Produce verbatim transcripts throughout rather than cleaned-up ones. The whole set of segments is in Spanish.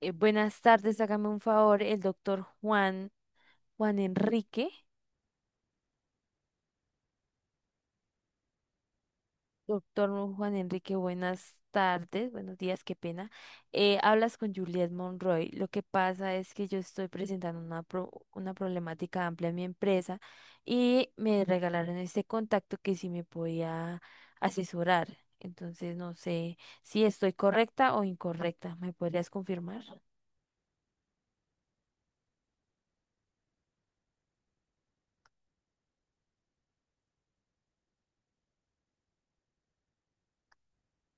Eh, buenas tardes, hágame un favor, el doctor Juan, Juan Enrique. Doctor Juan Enrique, buenas tardes, buenos días, qué pena. Eh, hablas con Juliet Monroy. Lo que pasa es que yo estoy presentando una, pro- una problemática amplia en mi empresa y me regalaron este contacto que si me podía asesorar. Entonces, no sé si estoy correcta o incorrecta. ¿Me podrías confirmar?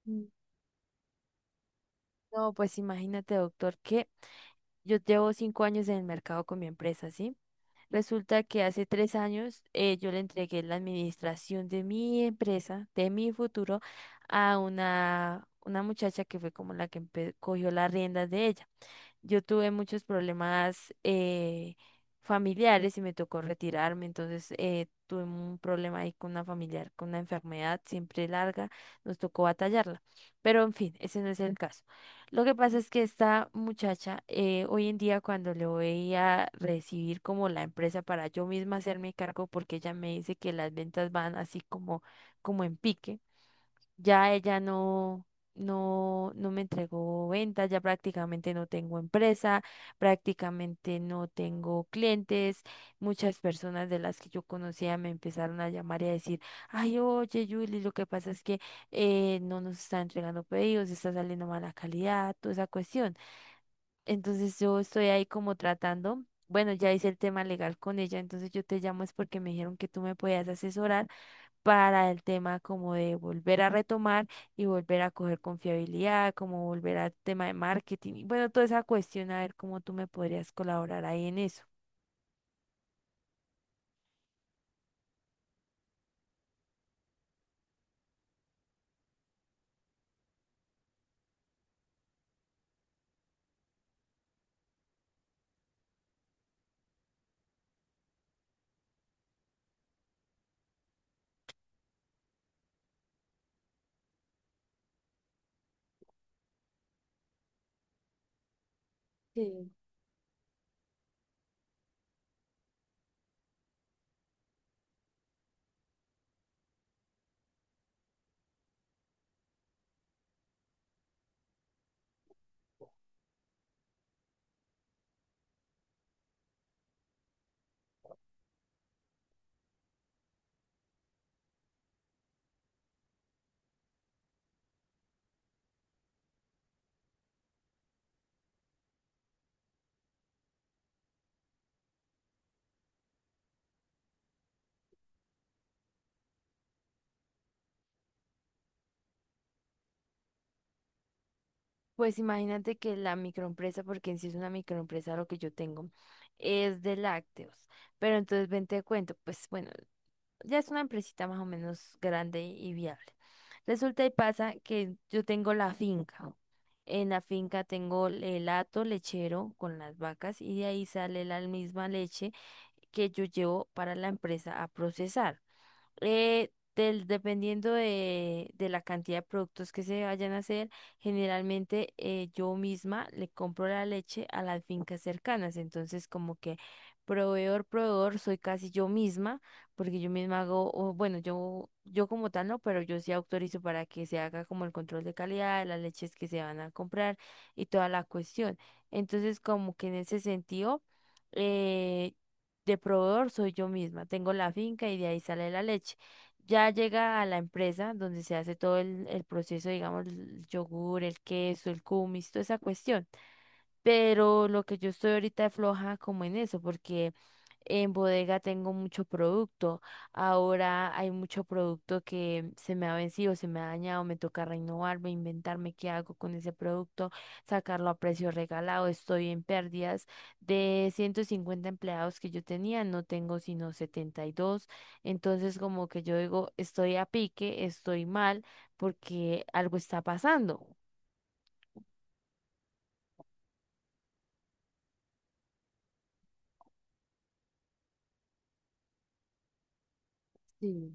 Mm. No, pues imagínate, doctor, que yo llevo cinco años en el mercado con mi empresa, ¿sí? Resulta que hace tres años eh, yo le entregué la administración de mi empresa, de mi futuro, a una, una muchacha que fue como la que empe- cogió las riendas de ella. Yo tuve muchos problemas eh, familiares y me tocó retirarme, entonces eh, tuve un problema ahí con una familiar, con una enfermedad siempre larga, nos tocó batallarla. Pero en fin, ese no es el caso. Lo que pasa es que esta muchacha, eh, hoy en día cuando le voy a recibir como la empresa para yo misma hacerme cargo, porque ella me dice que las ventas van así como, como en pique. Ya ella no, no, no me entregó ventas, ya prácticamente no tengo empresa, prácticamente no tengo clientes. Muchas personas de las que yo conocía me empezaron a llamar y a decir, ay, oye, Julie, lo que pasa es que eh, no nos está entregando pedidos, está saliendo mala calidad, toda esa cuestión. Entonces yo estoy ahí como tratando. Bueno, ya hice el tema legal con ella, entonces yo te llamo es porque me dijeron que tú me podías asesorar para el tema como de volver a retomar y volver a coger confiabilidad, como volver al tema de marketing. Y bueno, toda esa cuestión, a ver cómo tú me podrías colaborar ahí en eso. Sí. Pues imagínate que la microempresa, porque en sí es una microempresa lo que yo tengo, es de lácteos. Pero entonces ven te cuento, pues bueno, ya es una empresita más o menos grande y viable. Resulta y pasa que yo tengo la finca. En la finca tengo el hato lechero con las vacas y de ahí sale la misma leche que yo llevo para la empresa a procesar. Eh, del, dependiendo de, de la cantidad de productos que se vayan a hacer, generalmente eh, yo misma le compro la leche a las fincas cercanas. Entonces, como que proveedor, proveedor, soy casi yo misma, porque yo misma hago, o bueno, yo, yo como tal no, pero yo sí autorizo para que se haga como el control de calidad de las leches que se van a comprar y toda la cuestión. Entonces, como que en ese sentido... eh, de proveedor soy yo misma, tengo la finca y de ahí sale la leche. Ya llega a la empresa donde se hace todo el, el proceso, digamos, el yogur, el queso, el kumis, toda esa cuestión. Pero lo que yo estoy ahorita es floja como en eso, porque en bodega tengo mucho producto. Ahora hay mucho producto que se me ha vencido, se me ha dañado, me toca renovarme, inventarme qué hago con ese producto, sacarlo a precio regalado. Estoy en pérdidas. De ciento cincuenta empleados que yo tenía, no tengo sino setenta y dos. Entonces como que yo digo, estoy a pique, estoy mal, porque algo está pasando. Sí.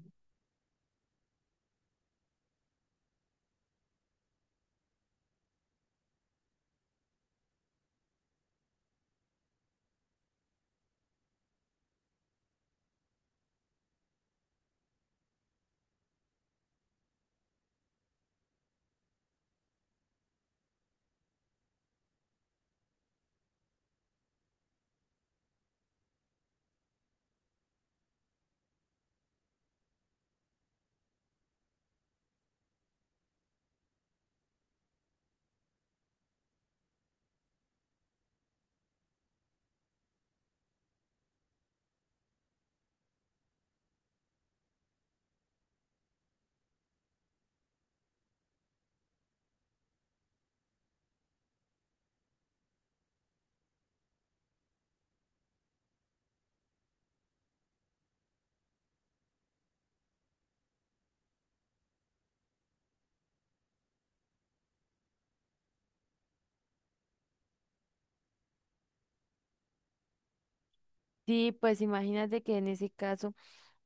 Sí, pues imagínate que en ese caso,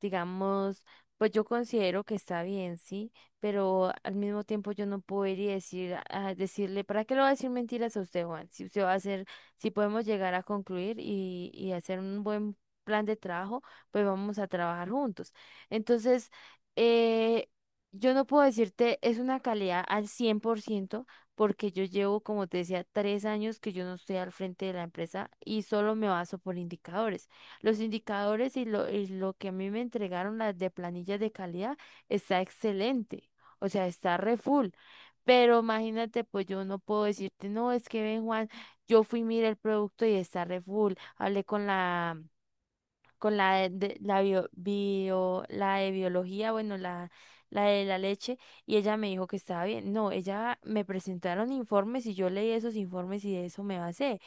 digamos, pues yo considero que está bien, sí, pero al mismo tiempo yo no puedo ir y decir, a decirle, ¿para qué le voy a decir mentiras a usted, Juan? Si usted va a hacer, si podemos llegar a concluir y, y hacer un buen plan de trabajo, pues vamos a trabajar juntos. Entonces, eh, yo no puedo decirte, es una calidad al cien por ciento, porque yo llevo, como te decía, tres años que yo no estoy al frente de la empresa y solo me baso por indicadores. Los indicadores y lo, y lo que a mí me entregaron las de planillas de calidad está excelente, o sea, está re full. Pero imagínate, pues yo no puedo decirte, no, es que ven, Juan, yo fui, mira el producto y está re full. Hablé con la, con la de, de- la bio, bio- la de biología, bueno, la, la de la leche, y ella me dijo que estaba bien. No, ella me presentaron informes y yo leí esos informes y de eso me basé.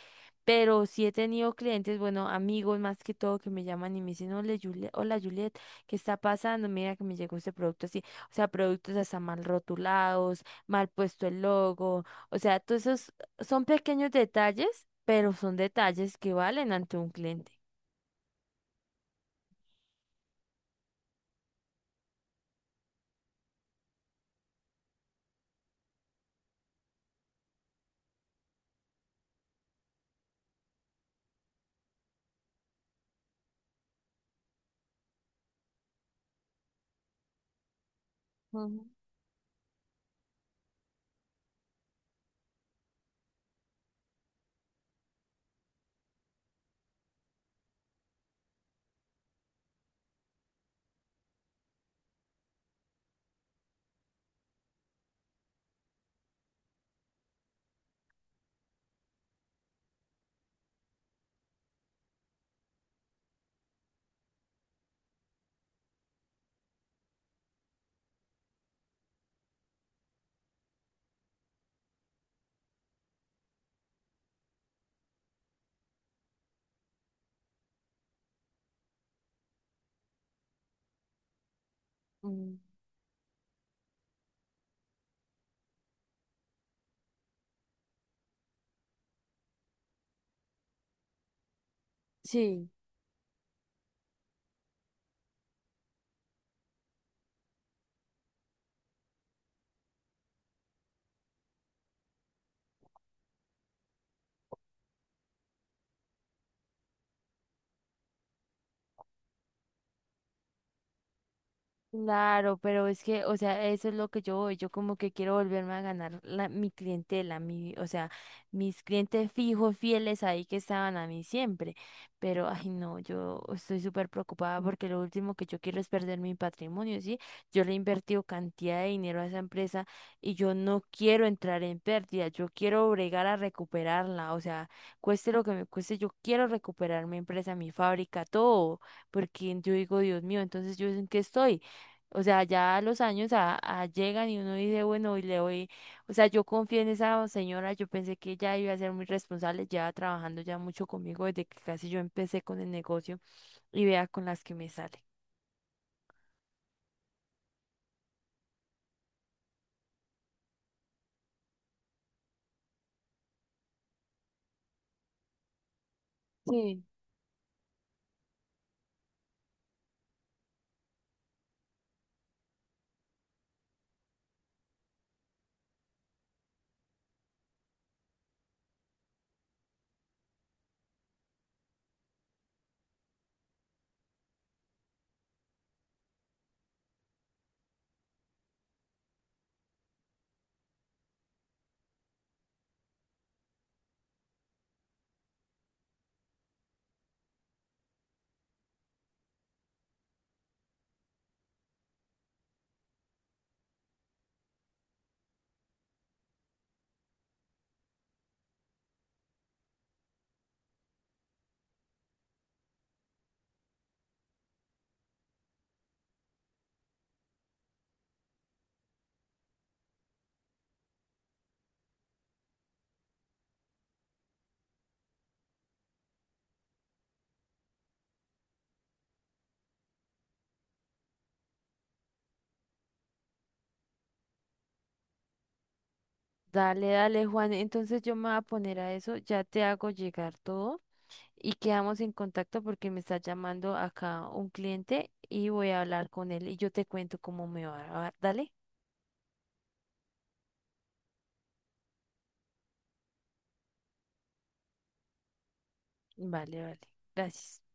Pero sí he tenido clientes, bueno, amigos más que todo, que me llaman y me dicen, hola Juliet, hola Juliet, ¿qué está pasando? Mira que me llegó este producto así. O sea, productos hasta mal rotulados, mal puesto el logo. O sea, todos esos son pequeños detalles, pero son detalles que valen ante un cliente. Ujú. Mm. Sí. Claro, pero es que, o sea, eso es lo que yo voy, yo como que quiero volverme a ganar la, mi clientela, mi, o sea, mis clientes fijos, fieles ahí que estaban a mí siempre, pero, ay, no, yo estoy súper preocupada porque lo último que yo quiero es perder mi patrimonio, ¿sí? Yo le he invertido cantidad de dinero a esa empresa y yo no quiero entrar en pérdida, yo quiero bregar a recuperarla, o sea, cueste lo que me cueste, yo quiero recuperar mi empresa, mi fábrica, todo, porque yo digo, Dios mío, entonces yo en qué estoy. O sea, ya los años a- a llegan y uno dice, bueno, y le voy, o sea, yo confié en esa señora, yo pensé que ella iba a ser muy responsable, ya trabajando ya mucho conmigo desde que casi yo empecé con el negocio y vea con las que me sale. Sí. Dale, dale, Juan. Entonces yo me voy a poner a eso, ya te hago llegar todo y quedamos en contacto porque me está llamando acá un cliente y voy a hablar con él y yo te cuento cómo me va. ¿Va? Dale, vale, vale. Gracias.